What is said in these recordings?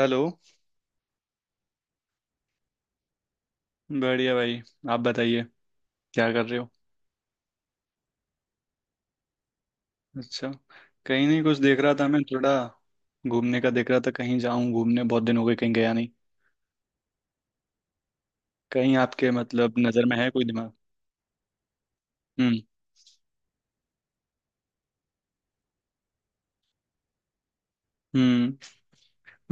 Hello. बढ़िया भाई, आप बताइए क्या कर रहे हो। अच्छा, कहीं नहीं, कुछ देख रहा था मैं थोड़ा। घूमने का देख रहा था कहीं जाऊं घूमने, बहुत दिन हो गए कहीं गया नहीं। कहीं आपके मतलब नज़र में है कोई दिमाग? हम्म। हम्म।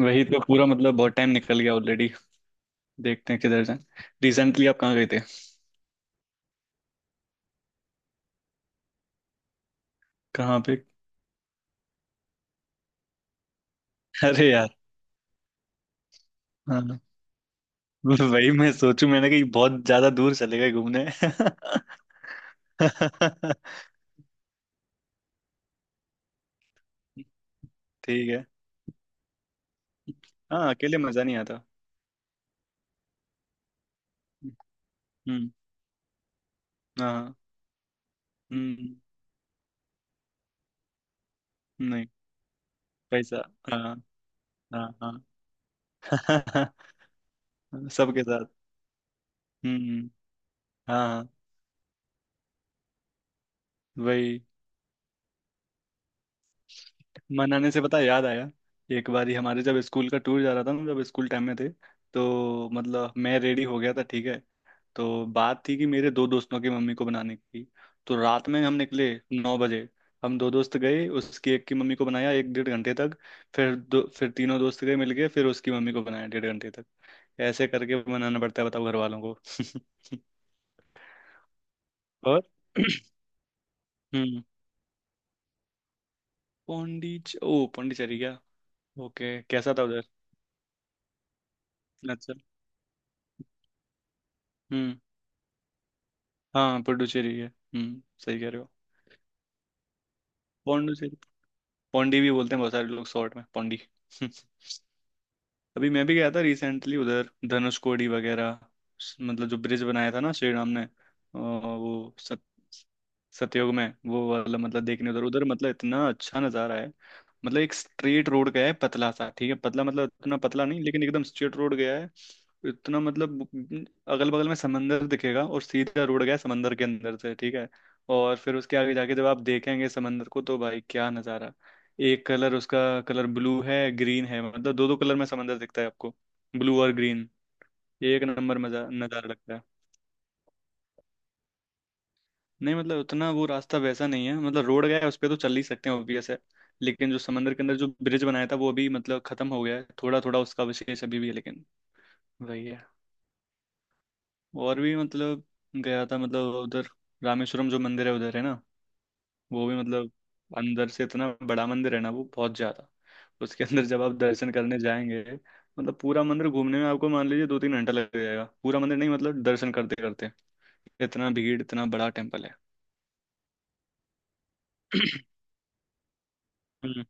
वही तो, पूरा मतलब बहुत टाइम निकल गया ऑलरेडी। देखते हैं किधर जाएं। रिसेंटली आप कहाँ गए थे? कहाँ पे? अरे यार। हाँ, वही मैं सोचूं मैंने कहीं बहुत ज्यादा दूर चले गए घूमने। ठीक है। हाँ अकेले मजा नहीं आता। हम्म। हाँ। हम्म। नहीं। पैसा। हाँ हाँ। हाँ। सबके साथ। हम्म। हाँ। वही। मनाने से पता है, याद आया। एक बार ही हमारे जब स्कूल का टूर जा रहा था ना, जब स्कूल टाइम में थे। तो मतलब मैं रेडी हो गया था, ठीक है। तो बात थी कि मेरे दो दोस्तों की मम्मी को बनाने की। तो रात में हम निकले 9 बजे। हम दो दोस्त गए, उसकी एक की मम्मी को बनाया एक 1.5 घंटे तक। फिर तीनों दोस्त गए मिल गए, फिर उसकी मम्मी को बनाया 1.5 घंटे तक। ऐसे करके मनाना पड़ता है, बताओ, घर वालों को। और। हम्म। पौंडीचेरी क्या? ओके कैसा था उधर? अच्छा। हम्म। हाँ पुडुचेरी है, हम्म, सही कह रहे हो। पौंडीचेरी। पौंडी भी बोलते हैं बहुत सारे लोग, शॉर्ट में पौंडी। अभी मैं भी गया था रिसेंटली उधर, धनुषकोडी वगैरह। मतलब जो ब्रिज बनाया था ना श्री राम ने वो सत, सतयुग में वो वाला, मतलब देखने उधर। उधर मतलब इतना अच्छा नज़ारा है। मतलब एक स्ट्रेट रोड गया है पतला सा, ठीक है, पतला मतलब इतना पतला नहीं लेकिन एकदम स्ट्रेट रोड गया है। इतना मतलब अगल बगल में समंदर दिखेगा, और सीधा रोड गया है समंदर के अंदर से, ठीक है। और फिर उसके आगे जाके जब आप देखेंगे समंदर को, तो भाई क्या नज़ारा। एक कलर उसका, कलर ब्लू है ग्रीन है, मतलब दो दो कलर में समंदर दिखता है आपको, ब्लू और ग्रीन। ये एक नंबर मजा नज़ारा लगता है। नहीं मतलब उतना वो रास्ता वैसा नहीं है, मतलब रोड गया है उस पे तो चल ही सकते हैं, ऑब्वियस है। लेकिन जो समंदर के अंदर जो ब्रिज बनाया था, वो अभी मतलब खत्म हो गया है, थोड़ा थोड़ा उसका अवशेष अभी भी है, लेकिन वही है। और भी मतलब गया था मतलब उधर रामेश्वरम, जो मंदिर है उधर है ना। वो भी मतलब अंदर से इतना बड़ा मंदिर है ना, वो बहुत ज्यादा। उसके अंदर जब आप दर्शन करने जाएंगे, मतलब पूरा मंदिर घूमने में आपको मान लीजिए 2-3 घंटा लग जाएगा, पूरा मंदिर नहीं मतलब दर्शन करते करते। इतना भीड़, इतना बड़ा टेम्पल है। हम्म।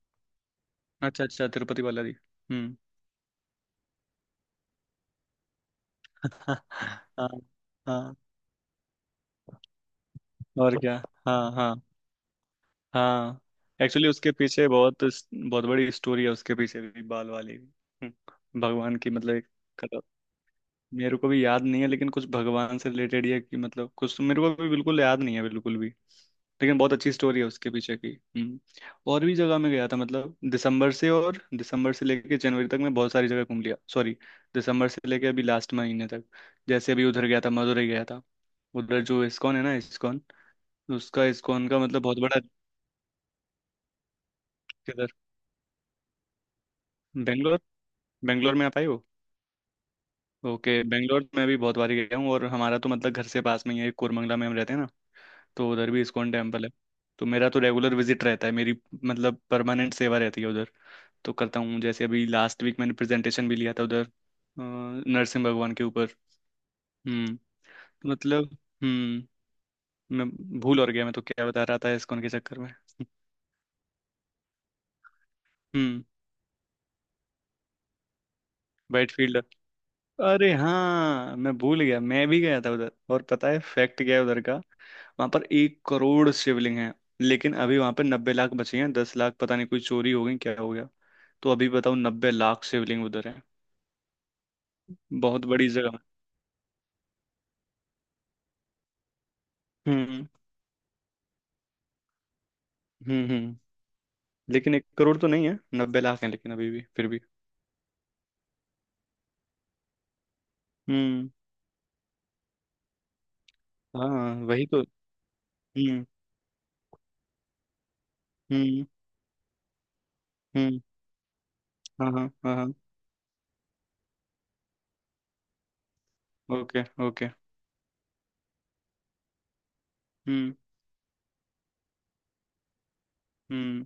अच्छा अच्छा, तिरुपति बालाजी। हम्म। हाँ हाँ। और क्या। हाँ हाँ। हाँ। एक्चुअली उसके पीछे बहुत बहुत बड़ी स्टोरी है, उसके पीछे भी, बाल वाली भी। भगवान की मतलब एक। मेरे को भी याद नहीं है, लेकिन कुछ भगवान से रिलेटेड या कि मतलब कुछ, तो मेरे को भी बिल्कुल याद नहीं है बिल्कुल भी। लेकिन बहुत अच्छी स्टोरी है उसके पीछे की। हम्म। और भी जगह में गया था, मतलब दिसंबर से लेके जनवरी तक मैं बहुत सारी जगह घूम लिया। सॉरी, दिसंबर से लेके अभी लास्ट महीने तक। जैसे अभी उधर गया था, मदुरई गया था। उधर जो इस्कॉन है ना, इस्कॉन, उसका इस्कॉन का मतलब बहुत बड़ा। किधर? बेंगलोर। बेंगलोर में आप आए हो? ओके, बेंगलोर में भी बहुत बार गया हूँ, और हमारा तो मतलब घर से पास में ही है, कोरमंगला में हम रहते हैं ना। तो उधर भी इस्कॉन टेम्पल है। तो मेरा तो रेगुलर विजिट रहता है मेरी, मतलब परमानेंट सेवा रहती है उधर। तो करता हूँ, जैसे अभी लास्ट वीक मैंने प्रेजेंटेशन भी लिया था उधर नरसिंह भगवान के ऊपर। हम्म। मतलब। हम्म। मैं भूल और गया, मैं तो क्या बता रहा था इस्कॉन के चक्कर में। हम्म। वाइट। अरे हाँ, मैं भूल गया, मैं भी गया था उधर। और पता है फैक्ट क्या है उधर का, वहां पर 1 करोड़ शिवलिंग हैं। लेकिन अभी वहां पर 90 लाख बचे हैं, 10 लाख पता नहीं कोई चोरी हो गई, क्या हो गया। तो अभी बताओ 90 लाख शिवलिंग उधर है। बहुत बड़ी जगह है। हम्म। हम्म। हम्म। लेकिन 1 करोड़ तो नहीं है, 90 लाख है, लेकिन अभी भी फिर भी। हम्म। हाँ वही तो। हम्म। हम्म। हम्म। हाँ हाँ हाँ हाँ। Okay okay. Hmm. Hmm.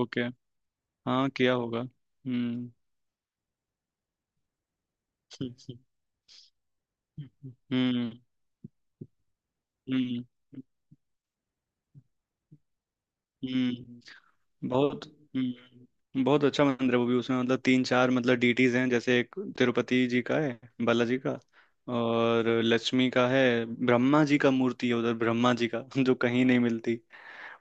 Okay. हाँ किया होगा। हम्म। हम्म। हम्म। हम्म। बहुत। बहुत अच्छा मंदिर है वो भी। उसमें मतलब 3-4 मतलब डीटीज हैं, जैसे एक तिरुपति जी का है, बालाजी का। और लक्ष्मी का है। ब्रह्मा जी का मूर्ति है उधर, ब्रह्मा जी का, जो कहीं नहीं मिलती।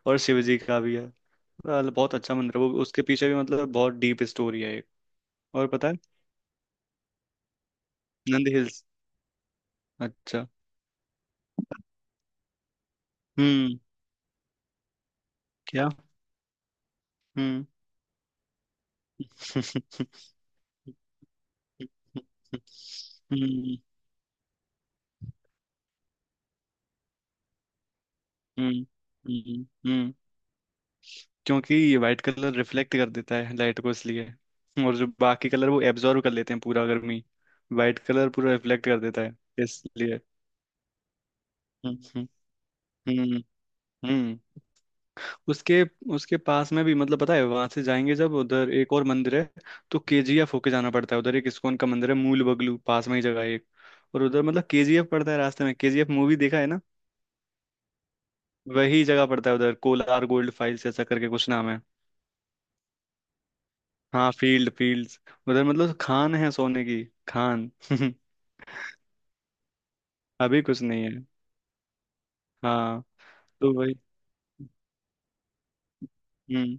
और शिव जी का भी है। मतलब बहुत अच्छा मंदिर है वो, उसके पीछे भी मतलब बहुत डीप स्टोरी है एक। और पता है, नंद हिल्स। अच्छा। हम्म। क्या? हम्म। हम्म। हम्म। हम्म। हम्म। हम्म, क्योंकि ये वाइट कलर रिफ्लेक्ट कर देता है लाइट को, इसलिए। और जो बाकी कलर वो एब्जॉर्व कर लेते हैं पूरा गर्मी। वाइट कलर पूरा रिफ्लेक्ट कर देता है, इसलिए। हम्म। हम्म। हम्म। हम्म। उसके उसके पास में भी मतलब, पता है, वहां से जाएंगे जब उधर, एक और मंदिर है। तो केजीएफ होके जाना पड़ता है, उधर एक इस्कॉन का मंदिर है, मूल बगलू पास में ही जगह है एक। और उधर मतलब केजीएफ पड़ता है रास्ते में। केजीएफ मूवी देखा है ना, वही जगह पड़ता है उधर। कोलार गोल्ड फाइल्स ऐसा करके कुछ नाम है। हाँ, फील्ड्स। उधर मतलब खान है, सोने की खान। अभी कुछ नहीं है। हाँ तो वही। हम्म।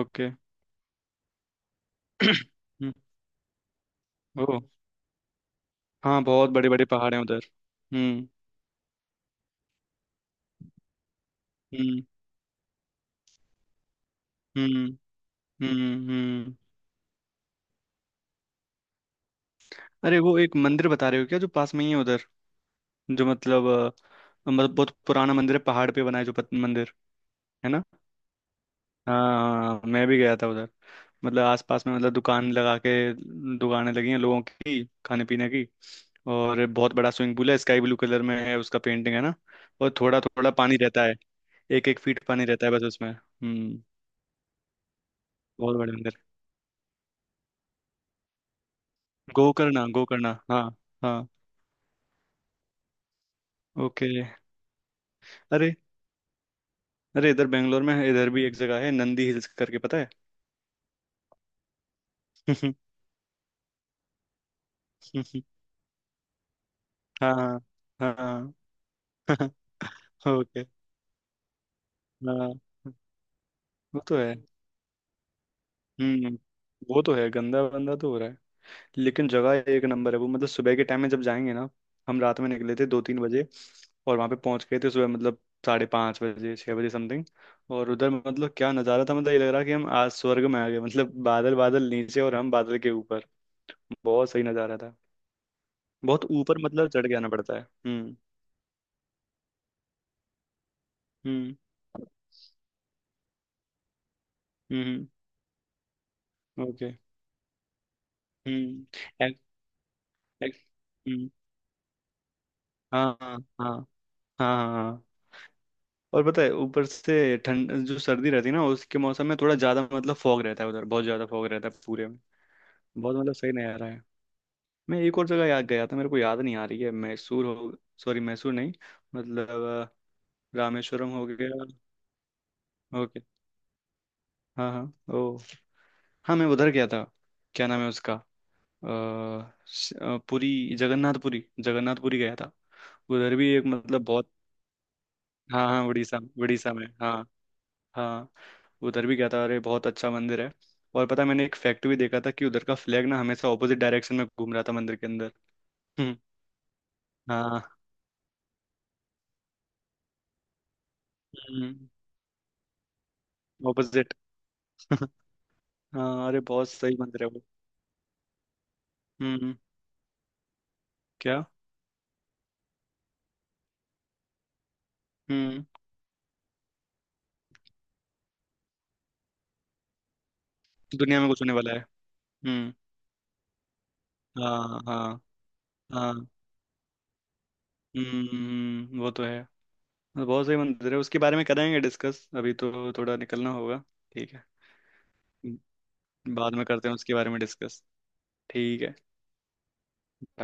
ओके। हम्म, ओ। हाँ बहुत बड़े बड़े पहाड़ हैं उधर। हम्म। हम्म। हम्म। हम्म। हम्म। अरे वो एक मंदिर बता रहे हो क्या, जो पास में ही है उधर? जो मतलब मतलब बहुत पुराना मंदिर है, पहाड़ पे बना है, जो मंदिर है। हाँ मैं भी गया था उधर। मतलब आसपास में मतलब दुकान लगा के, दुकानें लगी हैं लोगों की, खाने पीने की। और बहुत बड़ा स्विमिंग पूल है, स्काई ब्लू कलर में है, उसका पेंटिंग है ना। और थोड़ा थोड़ा पानी रहता है, एक एक फीट पानी रहता है बस उसमें। हम्म। बहुत बड़े मंदिर। गोकर्ण गोकर्ण, हाँ। हाँ। ओके। अरे, अरे इधर बेंगलोर में है, इधर भी एक जगह है नंदी हिल्स करके, पता है। हाँ हाँ हाँ। ओके। हाँ वो तो है। हम्म। वो तो है, गंदा बंदा तो हो रहा है। लेकिन जगह एक नंबर है वो, मतलब सुबह के टाइम में जब जाएंगे ना। हम रात में निकले थे 2-3 बजे, और वहां पे पहुंच गए थे सुबह, मतलब 5:30 बजे 6 बजे समथिंग। और उधर मतलब क्या नज़ारा था, मतलब ये लग रहा कि हम आज स्वर्ग में आ गए, मतलब बादल बादल नीचे और हम बादल के ऊपर। बहुत सही नज़ारा था। बहुत ऊपर मतलब चढ़ के आना पड़ता है। हम्म। हम्म। हम्म। ओके। हम्म। एक- एक- हम्म। हाँ हाँ हाँ। हाँ हाँ हाँ। और पता है, ऊपर से ठंड, जो सर्दी रहती है ना उसके मौसम में थोड़ा ज्यादा, मतलब फॉग रहता है उधर बहुत ज्यादा, फॉग रहता है पूरे में। बहुत मतलब सही नहीं आ रहा है। मैं एक और जगह याद गया था, मेरे को याद नहीं आ रही है। मैसूर हो, सॉरी, मैसूर नहीं, मतलब अ, रामेश्वरम हो गया। ओके। हाँ हाँ ओ। हाँ मैं उधर गया था। क्या नाम है उसका, अ, पुरी, जगन्नाथपुरी, जगन्नाथपुरी गया था। उधर भी एक मतलब बहुत। हाँ हाँ उड़ीसा, उड़ीसा में, हाँ। हाँ उधर भी गया था, अरे बहुत अच्छा मंदिर है। और पता है, मैंने एक फैक्ट भी देखा था कि उधर का फ्लैग ना हमेशा ऑपोजिट डायरेक्शन में घूम रहा था मंदिर के अंदर। हम्म। हाँ। हम्म। ऑपोजिट। हाँ अरे बहुत सही मंदिर है वो। हम्म। क्या? हम्म। दुनिया में कुछ होने वाला है। हम्म। हाँ। हाँ। हाँ। वो तो है। बहुत सही मंदिर है, उसके बारे में करेंगे डिस्कस, अभी तो थोड़ा निकलना होगा। ठीक है। बाद में करते हैं उसके बारे में डिस्कस। ठीक है। bye।